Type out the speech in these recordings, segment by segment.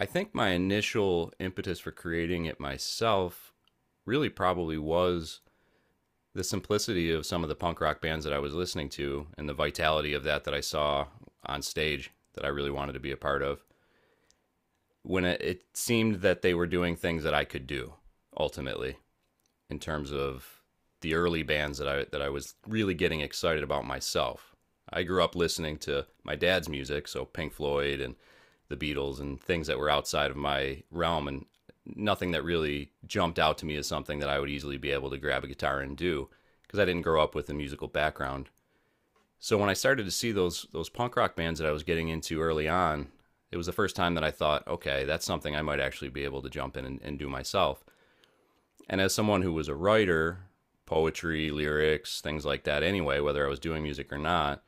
I think my initial impetus for creating it myself really probably was the simplicity of some of the punk rock bands that I was listening to and the vitality of that I saw on stage that I really wanted to be a part of. It seemed that they were doing things that I could do ultimately in terms of the early bands that I was really getting excited about myself. I grew up listening to my dad's music, so Pink Floyd and the Beatles and things that were outside of my realm and nothing that really jumped out to me as something that I would easily be able to grab a guitar and do because I didn't grow up with a musical background. So when I started to see those punk rock bands that I was getting into early on, it was the first time that I thought, okay, that's something I might actually be able to jump in and, do myself. And as someone who was a writer, poetry, lyrics, things like that anyway, whether I was doing music or not,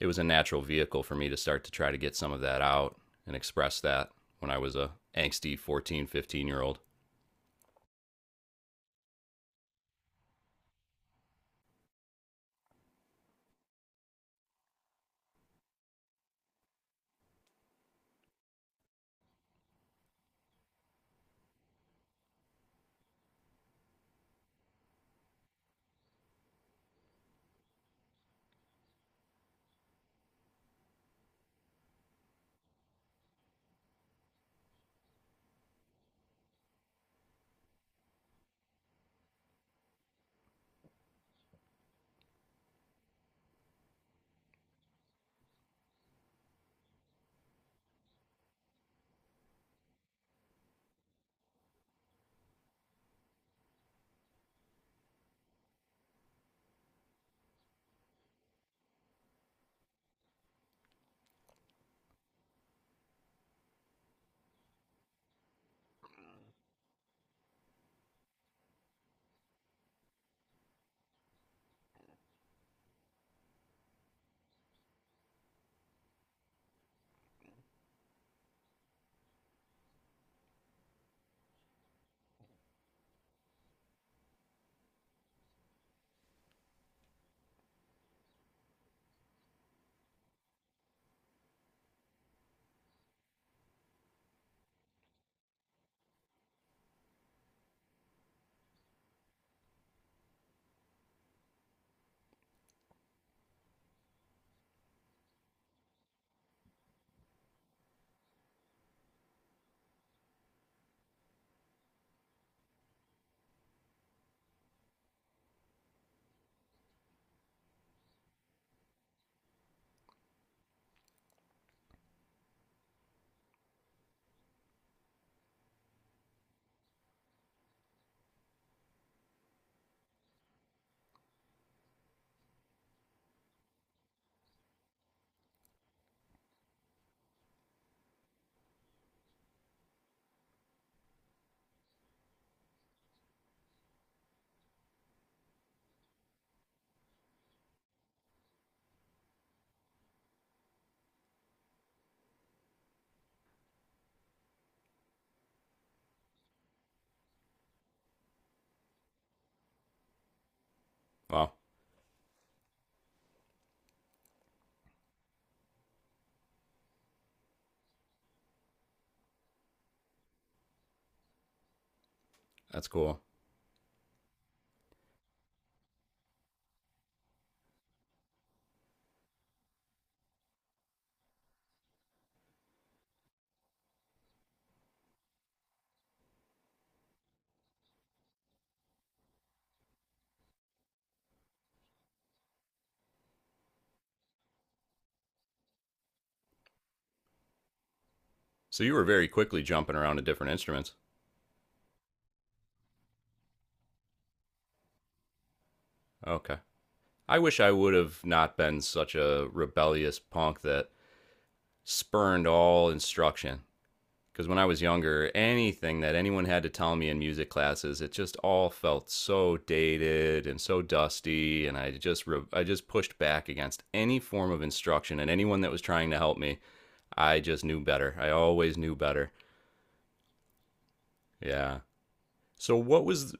it was a natural vehicle for me to start to try to get some of that out and express that when I was a angsty 14, 15 year old. Wow, that's cool. So you were very quickly jumping around to different instruments. Okay. I wish I would have not been such a rebellious punk that spurned all instruction. Because when I was younger, anything that anyone had to tell me in music classes, it just all felt so dated and so dusty, and I just I just pushed back against any form of instruction and anyone that was trying to help me. I just knew better. I always knew better. Yeah. So what was.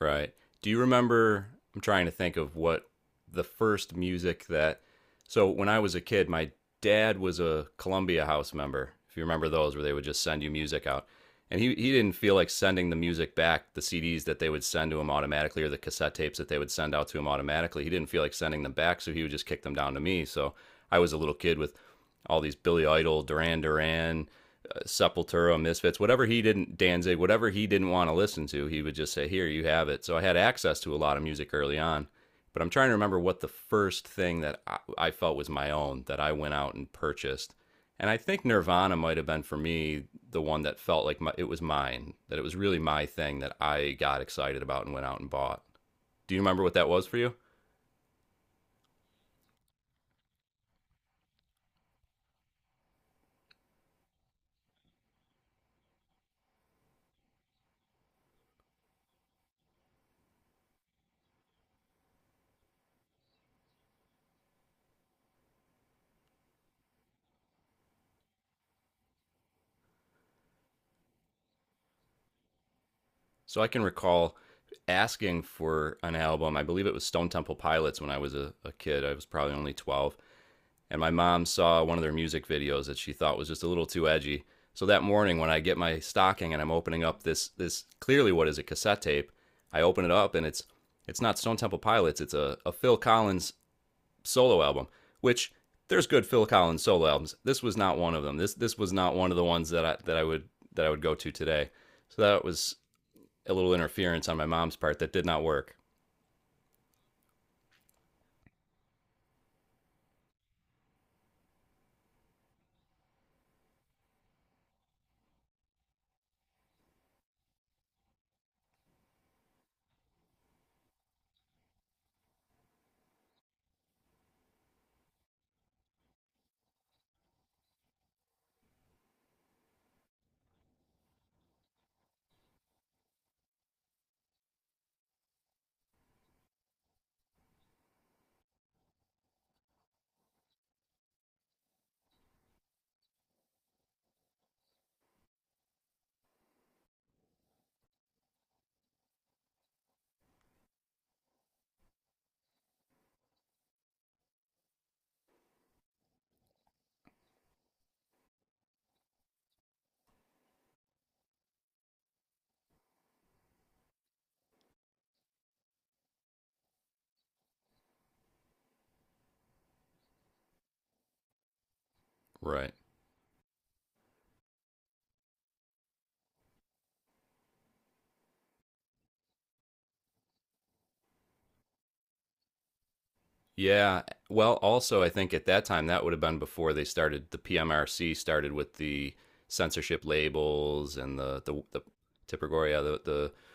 Right. Do you remember? I'm trying to think of what the first music that. So when I was a kid, my dad was a Columbia House member. If you remember those, where they would just send you music out, and he didn't feel like sending the music back, the CDs that they would send to him automatically, or the cassette tapes that they would send out to him automatically. He didn't feel like sending them back, so he would just kick them down to me. So I was a little kid with all these Billy Idol, Duran Duran, Sepultura, Misfits, whatever he didn't Danzig, whatever he didn't want to listen to, he would just say, "Here, you have it." So I had access to a lot of music early on, but I'm trying to remember what the first thing that I felt was my own that I went out and purchased, and I think Nirvana might have been for me the one that felt like my, it was mine, that it was really my thing that I got excited about and went out and bought. Do you remember what that was for you? So I can recall asking for an album. I believe it was Stone Temple Pilots when I was a kid. I was probably only 12 and my mom saw one of their music videos that she thought was just a little too edgy. So that morning when I get my stocking and I'm opening up this clearly what is a cassette tape, I open it up and it's not Stone Temple Pilots, it's a Phil Collins solo album, which there's good Phil Collins solo albums. This was not one of them. This was not one of the ones that I would that I would go to today. So that was a little interference on my mom's part that did not work. Right. Yeah. Well, also, I think at that time, that would have been before they started, the PMRC started with the censorship labels and the Tipigoria, the, the,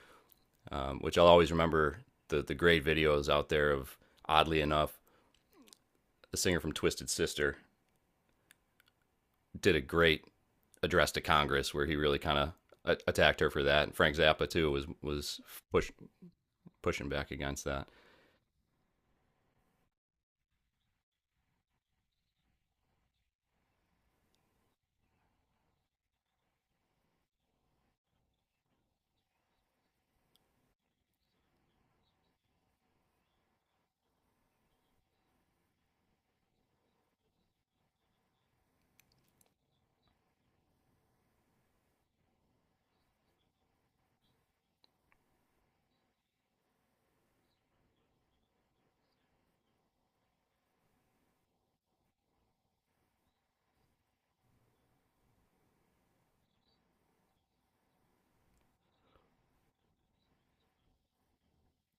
um, which I'll always remember the great videos out there of, oddly enough, the singer from Twisted Sister did a great address to Congress where he really kind of attacked her for that. And Frank Zappa too was push, pushing back against that.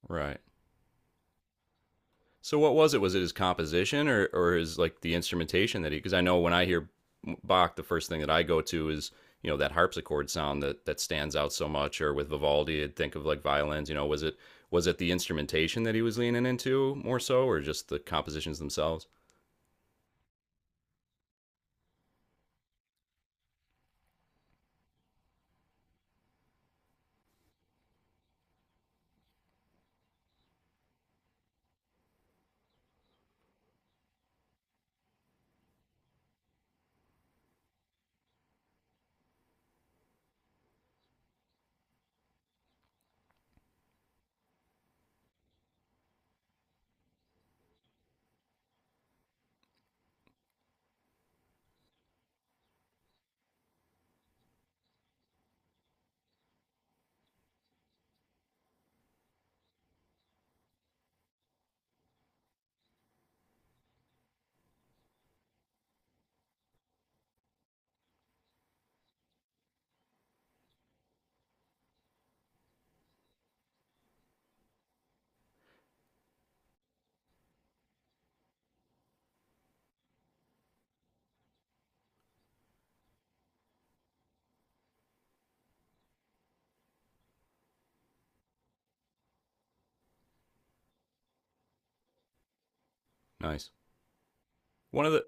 Right. So what was it? Was it his composition or his like the instrumentation that he? Because I know when I hear Bach, the first thing that I go to is you know that harpsichord sound that stands out so much. Or with Vivaldi, I'd think of like violins. You know, was it the instrumentation that he was leaning into more so, or just the compositions themselves? Nice. One of the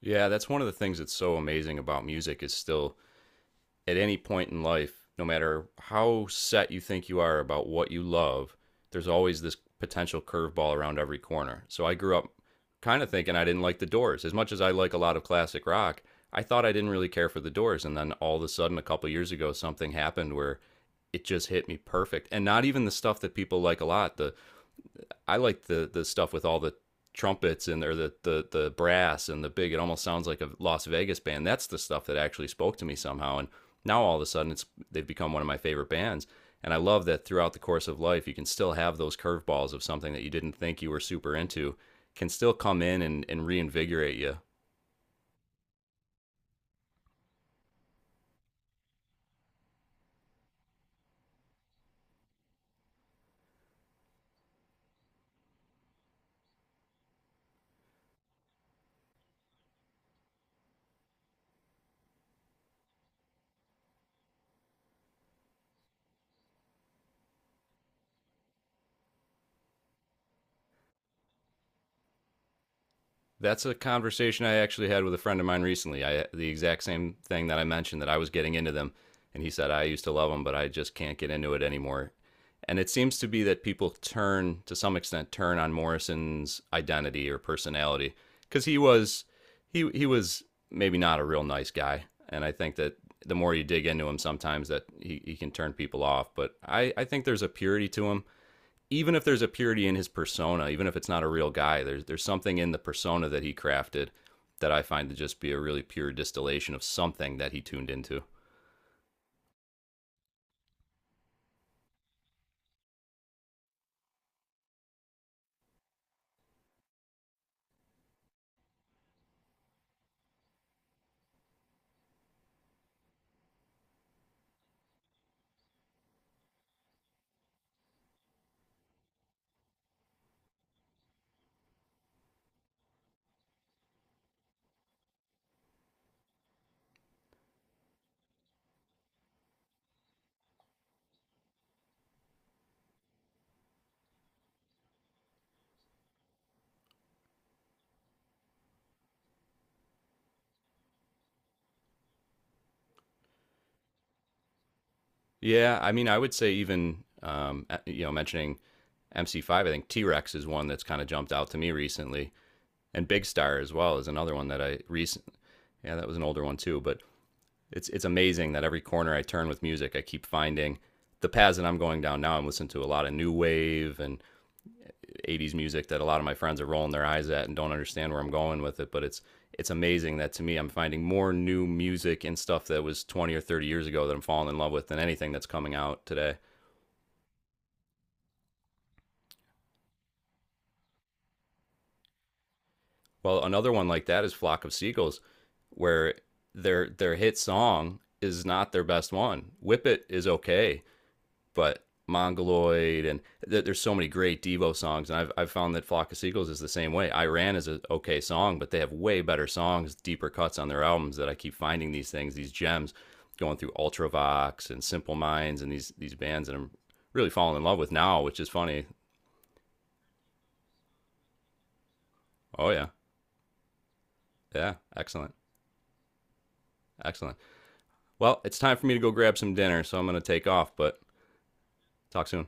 yeah, that's one of the things that's so amazing about music is still at any point in life, no matter how set you think you are about what you love, there's always this potential curveball around every corner. So I grew up kind of thinking I didn't like the Doors. As much as I like a lot of classic rock, I thought I didn't really care for the Doors. And then all of a sudden, a couple years ago, something happened where it just hit me perfect. And not even the stuff that people like a lot, the I like the stuff with all the trumpets and or the brass and the big it almost sounds like a Las Vegas band. That's the stuff that actually spoke to me somehow and now all of a sudden it's they've become one of my favorite bands. And I love that throughout the course of life you can still have those curveballs of something that you didn't think you were super into can still come in and, reinvigorate you. That's a conversation I actually had with a friend of mine recently. I the exact same thing that I mentioned that I was getting into them, and he said I used to love them, but I just can't get into it anymore. And it seems to be that people turn to some extent turn on Morrison's identity or personality because he was he was maybe not a real nice guy, and I think that the more you dig into him, sometimes that he can turn people off. But I think there's a purity to him even if there's a purity in his persona, even if it's not a real guy, there's something in the persona that he crafted that I find to just be a really pure distillation of something that he tuned into. Yeah, I mean, I would say even you know mentioning MC5, I think T Rex is one that's kind of jumped out to me recently, and Big Star as well is another one that I recent. Yeah, that was an older one too, but it's amazing that every corner I turn with music, I keep finding the paths that I'm going down now. I'm listening to a lot of new wave and 80s music that a lot of my friends are rolling their eyes at and don't understand where I'm going with it. But it's amazing that to me I'm finding more new music and stuff that was 20 or 30 years ago that I'm falling in love with than anything that's coming out today. Well, another one like that is Flock of Seagulls, where their hit song is not their best one. Whip It is okay, but Mongoloid and there's so many great Devo songs, and I've found that Flock of Seagulls is the same way. Iran is an okay song, but they have way better songs, deeper cuts on their albums that I keep finding these things, these gems, going through Ultravox and Simple Minds and these bands that I'm really falling in love with now, which is funny. Oh yeah, yeah, excellent, excellent. Well, it's time for me to go grab some dinner, so I'm gonna take off, but talk soon.